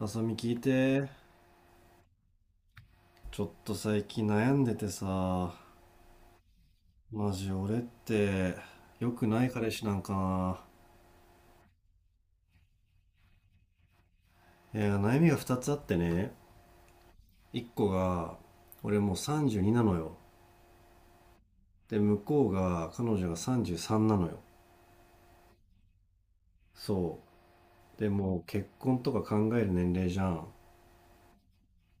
あさみ、聞いて。ちょっと最近悩んでてさ。マジ俺って良くない彼氏なんか？ないや、悩みが2つあってね。1個が、俺もう32なのよ。で向こうが、彼女が33なのよ。そうでもう結婚とか考える年齢じゃん。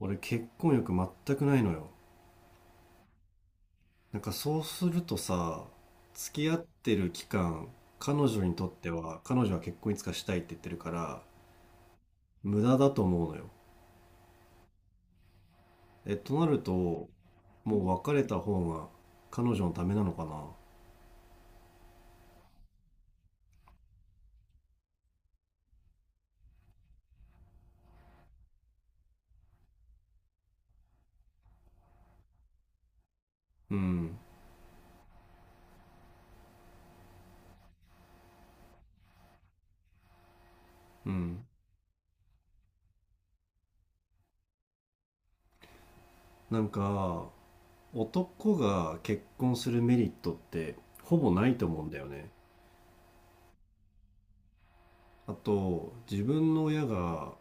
俺結婚欲全くないのよ。なんかそうするとさ、付き合ってる期間、彼女にとっては彼女は結婚いつかしたいって言ってるから、無駄だと思うのよ。となると、もう別れた方が彼女のためなのかな。うん、うん。なんか、男が結婚するメリットってほぼないと思うんだよね。あと、自分の親が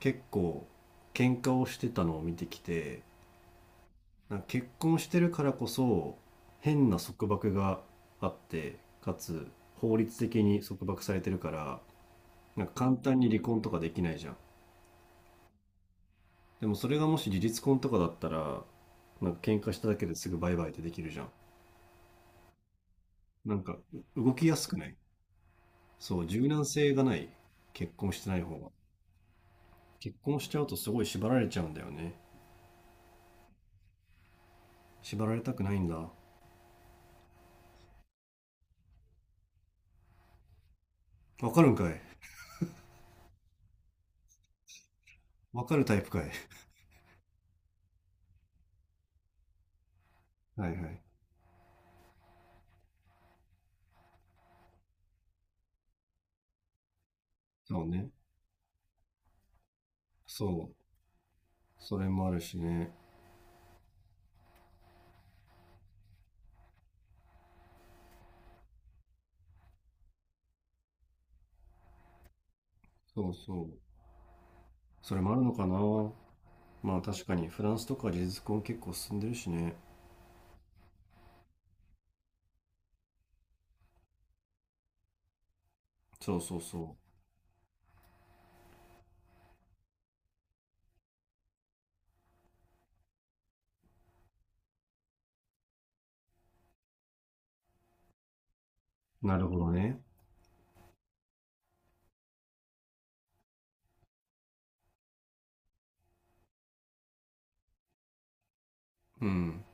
結構喧嘩をしてたのを見てきて、なんか結婚してるからこそ変な束縛があって、かつ法律的に束縛されてるから、なんか簡単に離婚とかできないじゃん。でもそれがもし事実婚とかだったら、なんか喧嘩しただけですぐバイバイってできるじゃん。なんか動きやすくない？そう、柔軟性がない。結婚してない方が。結婚しちゃうとすごい縛られちゃうんだよね。縛られたくないんだ。わかるんかい。わかるタイプかい。 はいはい。そうね。そう。それもあるしね。そうそう。それもあるのかな。まあ確かにフランスとか事実婚結構進んでるしね。そうそうそう。なるほどね。うん。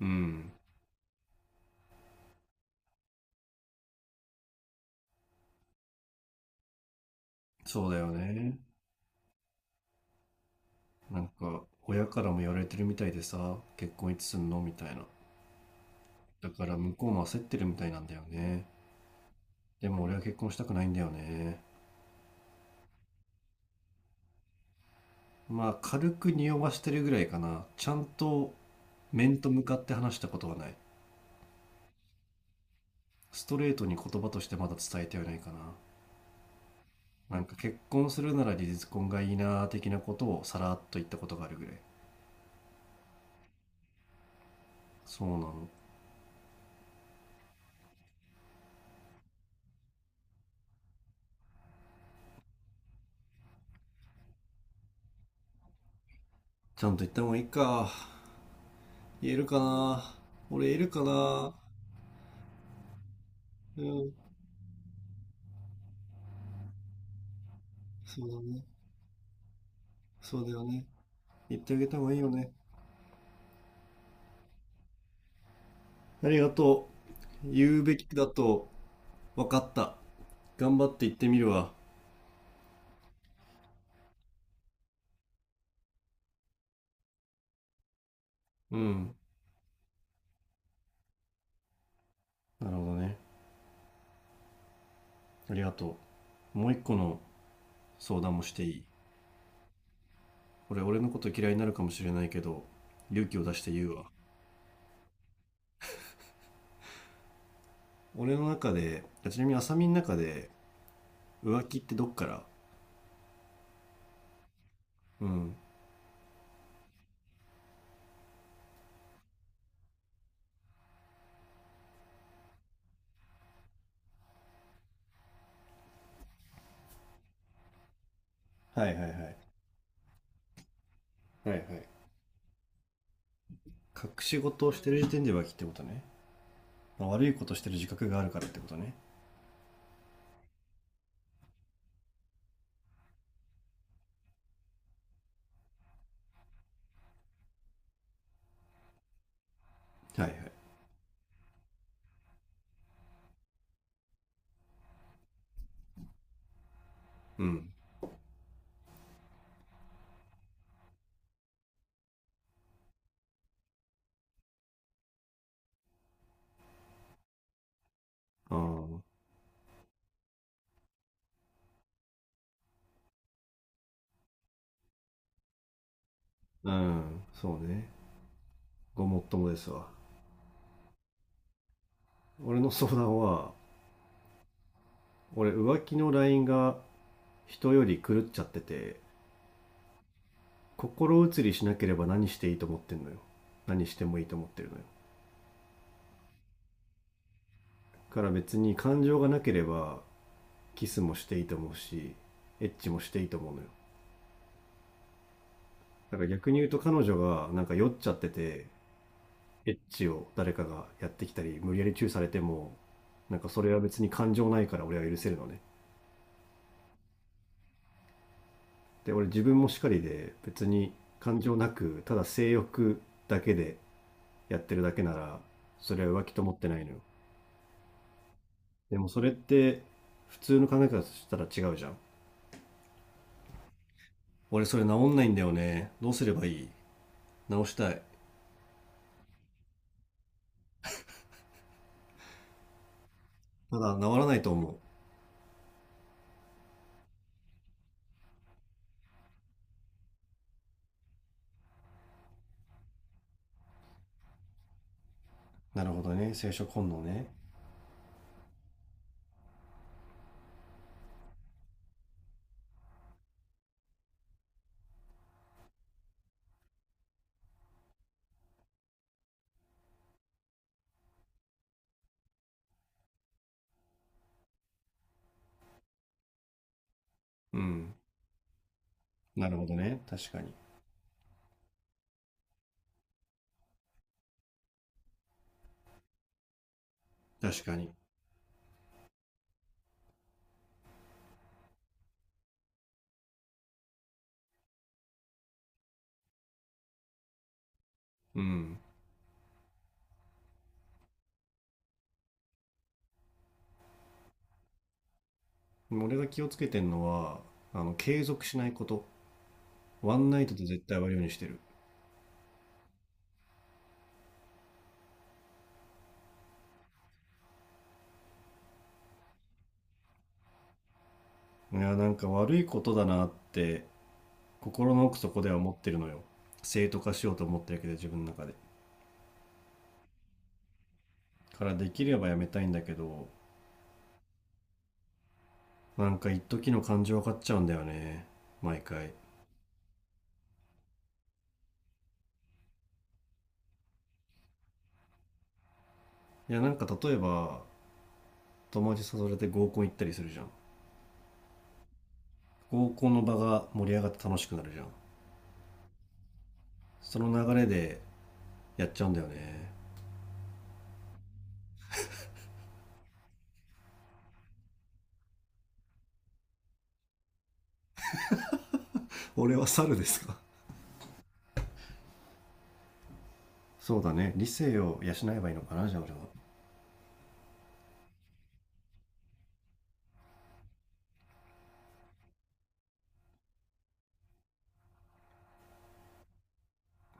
うん。そうだよね。なんか親からも言われてるみたいでさ、結婚いつすんのみたいな。だから向こうも焦ってるみたいなんだよね。でも俺は結婚したくないんだよね。まあ軽く匂わしてるぐらいかな、ちゃんと面と向かって話したことはない。ストレートに言葉としてまだ伝えてはないかな。なんか結婚するなら離婚がいいなー的なことをさらっと言ったことがあるぐらい。そうなの。ちゃんと言った方がいいか。言えるかな。俺言えるかな。うん、そうだね。そうだよね。言ってあげた方がいいよね。ありがとう。言うべきだと分かった。頑張って言ってみるわ。うん。なるほどね。ありがとう。もう一個の相談もしていい？俺のこと嫌いになるかもしれないけど、勇気を出して言うわ。俺の中で、ちなみに浅見の中で、浮気ってどっから？うん。はいはいはい。はいはい。隠し事をしてる時点で浮気ってことね。まあ悪いことしてる自覚があるからってことね。はいはい。うん。ああ。うん。そうね。ごもっともですわ。俺の相談は、俺浮気のラインが人より狂っちゃってて、心移りしなければ何していいと思ってんのよ。何してもいいと思ってるのよ。だから別に感情がなければ、キスもしていいと思うし、エッチもしていいと思うのよ。だから逆に言うと、彼女がなんか酔っちゃってて、エッチを誰かがやってきたり無理やりチューされても、なんかそれは別に感情ないから、俺は許せるのね。で俺自分もしかりで、別に感情なくただ性欲だけでやってるだけなら、それは浮気と思ってないのよ。でもそれって普通の考え方としたら違うじゃん。俺それ治んないんだよね。どうすればいい？治したい。ただ治らないと思う。なるほどね、生殖本能ね。うん、なるほどね。確かに。確かに。うん。でも俺が気をつけてんのは、継続しないこと。ワンナイトで絶対終わるようにしてる。いや、なんか悪いことだなって心の奥底では思ってるのよ。正当化しようと思ってるけど自分の中で。からできればやめたいんだけど、なんか一時の感情が勝っちゃうんだよね、毎回。いや、なんか、例えば友達誘われて合コン行ったりするじゃん。合コンの場が盛り上がって楽しくなるじゃん。その流れでやっちゃうんだよね。俺は猿ですか。 そうだね、理性を養えばいいのかな、じゃあ俺は。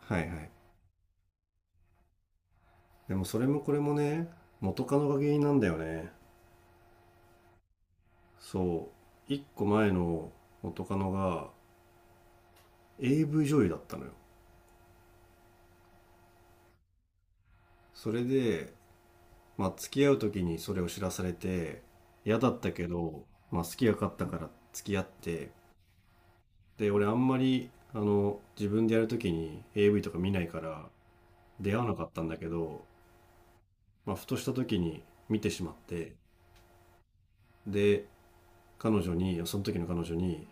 はいはい。でもそれもこれもね、元カノが原因なんだよね。そう、1個前の元カノが AV 女優だったのよ。それでまあ付き合う時にそれを知らされて嫌だったけど、まあ、好きが勝ったから付き合って。で俺あんまり自分でやる時に AV とか見ないから出会わなかったんだけど、まあ、ふとした時に見てしまって。で彼女に、その時の彼女に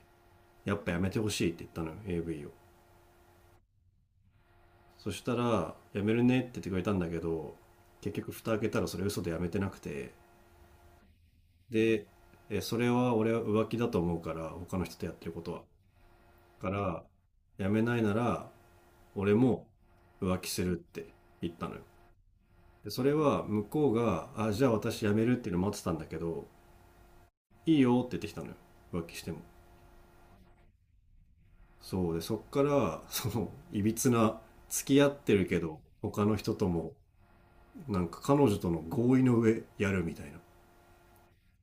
やっぱやめてほしいって言ったのよ、 AV を。そしたらやめるねって言ってくれたんだけど、結局蓋開けたらそれ嘘でやめてなくて。でそれは俺は浮気だと思うから、他の人とやってることは。から、辞めないなら、俺も浮気するって言ったのよ。で、それは向こうが、あ、じゃあ私辞めるっていうの待ってたんだけど、いいよって言ってきたのよ。浮気しても。そうで、そっから、その、いびつな、付き合ってるけど、他の人とも、なんか彼女との合意の上やるみたいな。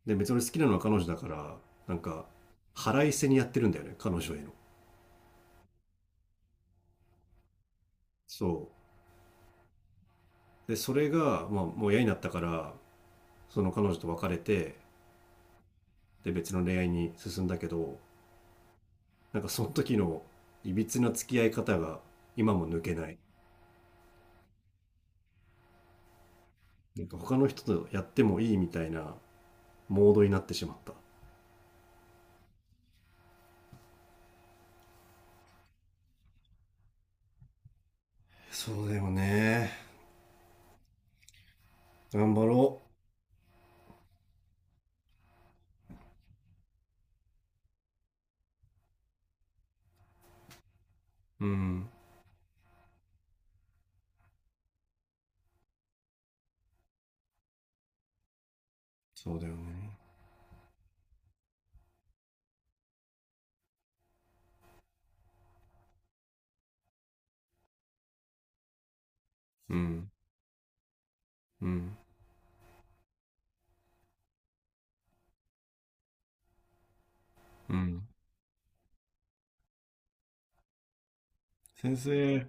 で、別に好きなのは彼女だから、なんか、腹いせにやってるんだよね、彼女への。そう。で、それが、まあ、もう嫌になったから、その彼女と別れて、で別の恋愛に進んだけど、なんかその時のいびつな付き合い方が今も抜けない。なんか他の人とやってもいいみたいなモードになってしまった。そうだよね、頑張ろう。うん、そうだよね。うんうんうん。先生。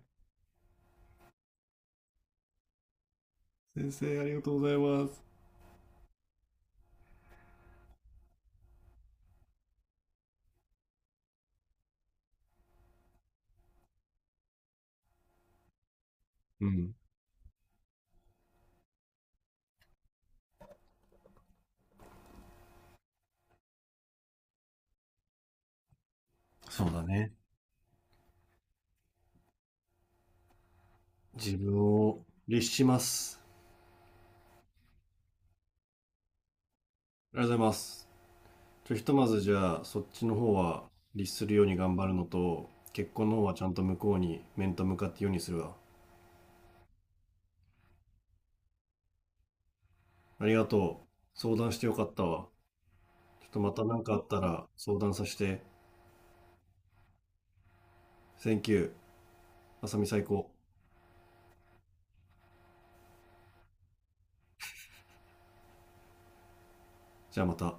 先生ありがとうございます。うんそうだね、自分を律します。ありがとうございます。じゃあひとまず、じゃあそっちの方は律するように頑張るのと、結婚の方はちゃんと向こうに面と向かって言うようにするわ。ありがとう。相談してよかったわ。ちょっとまた何かあったら相談させて。Thank you。あさみ最高。じゃあまた。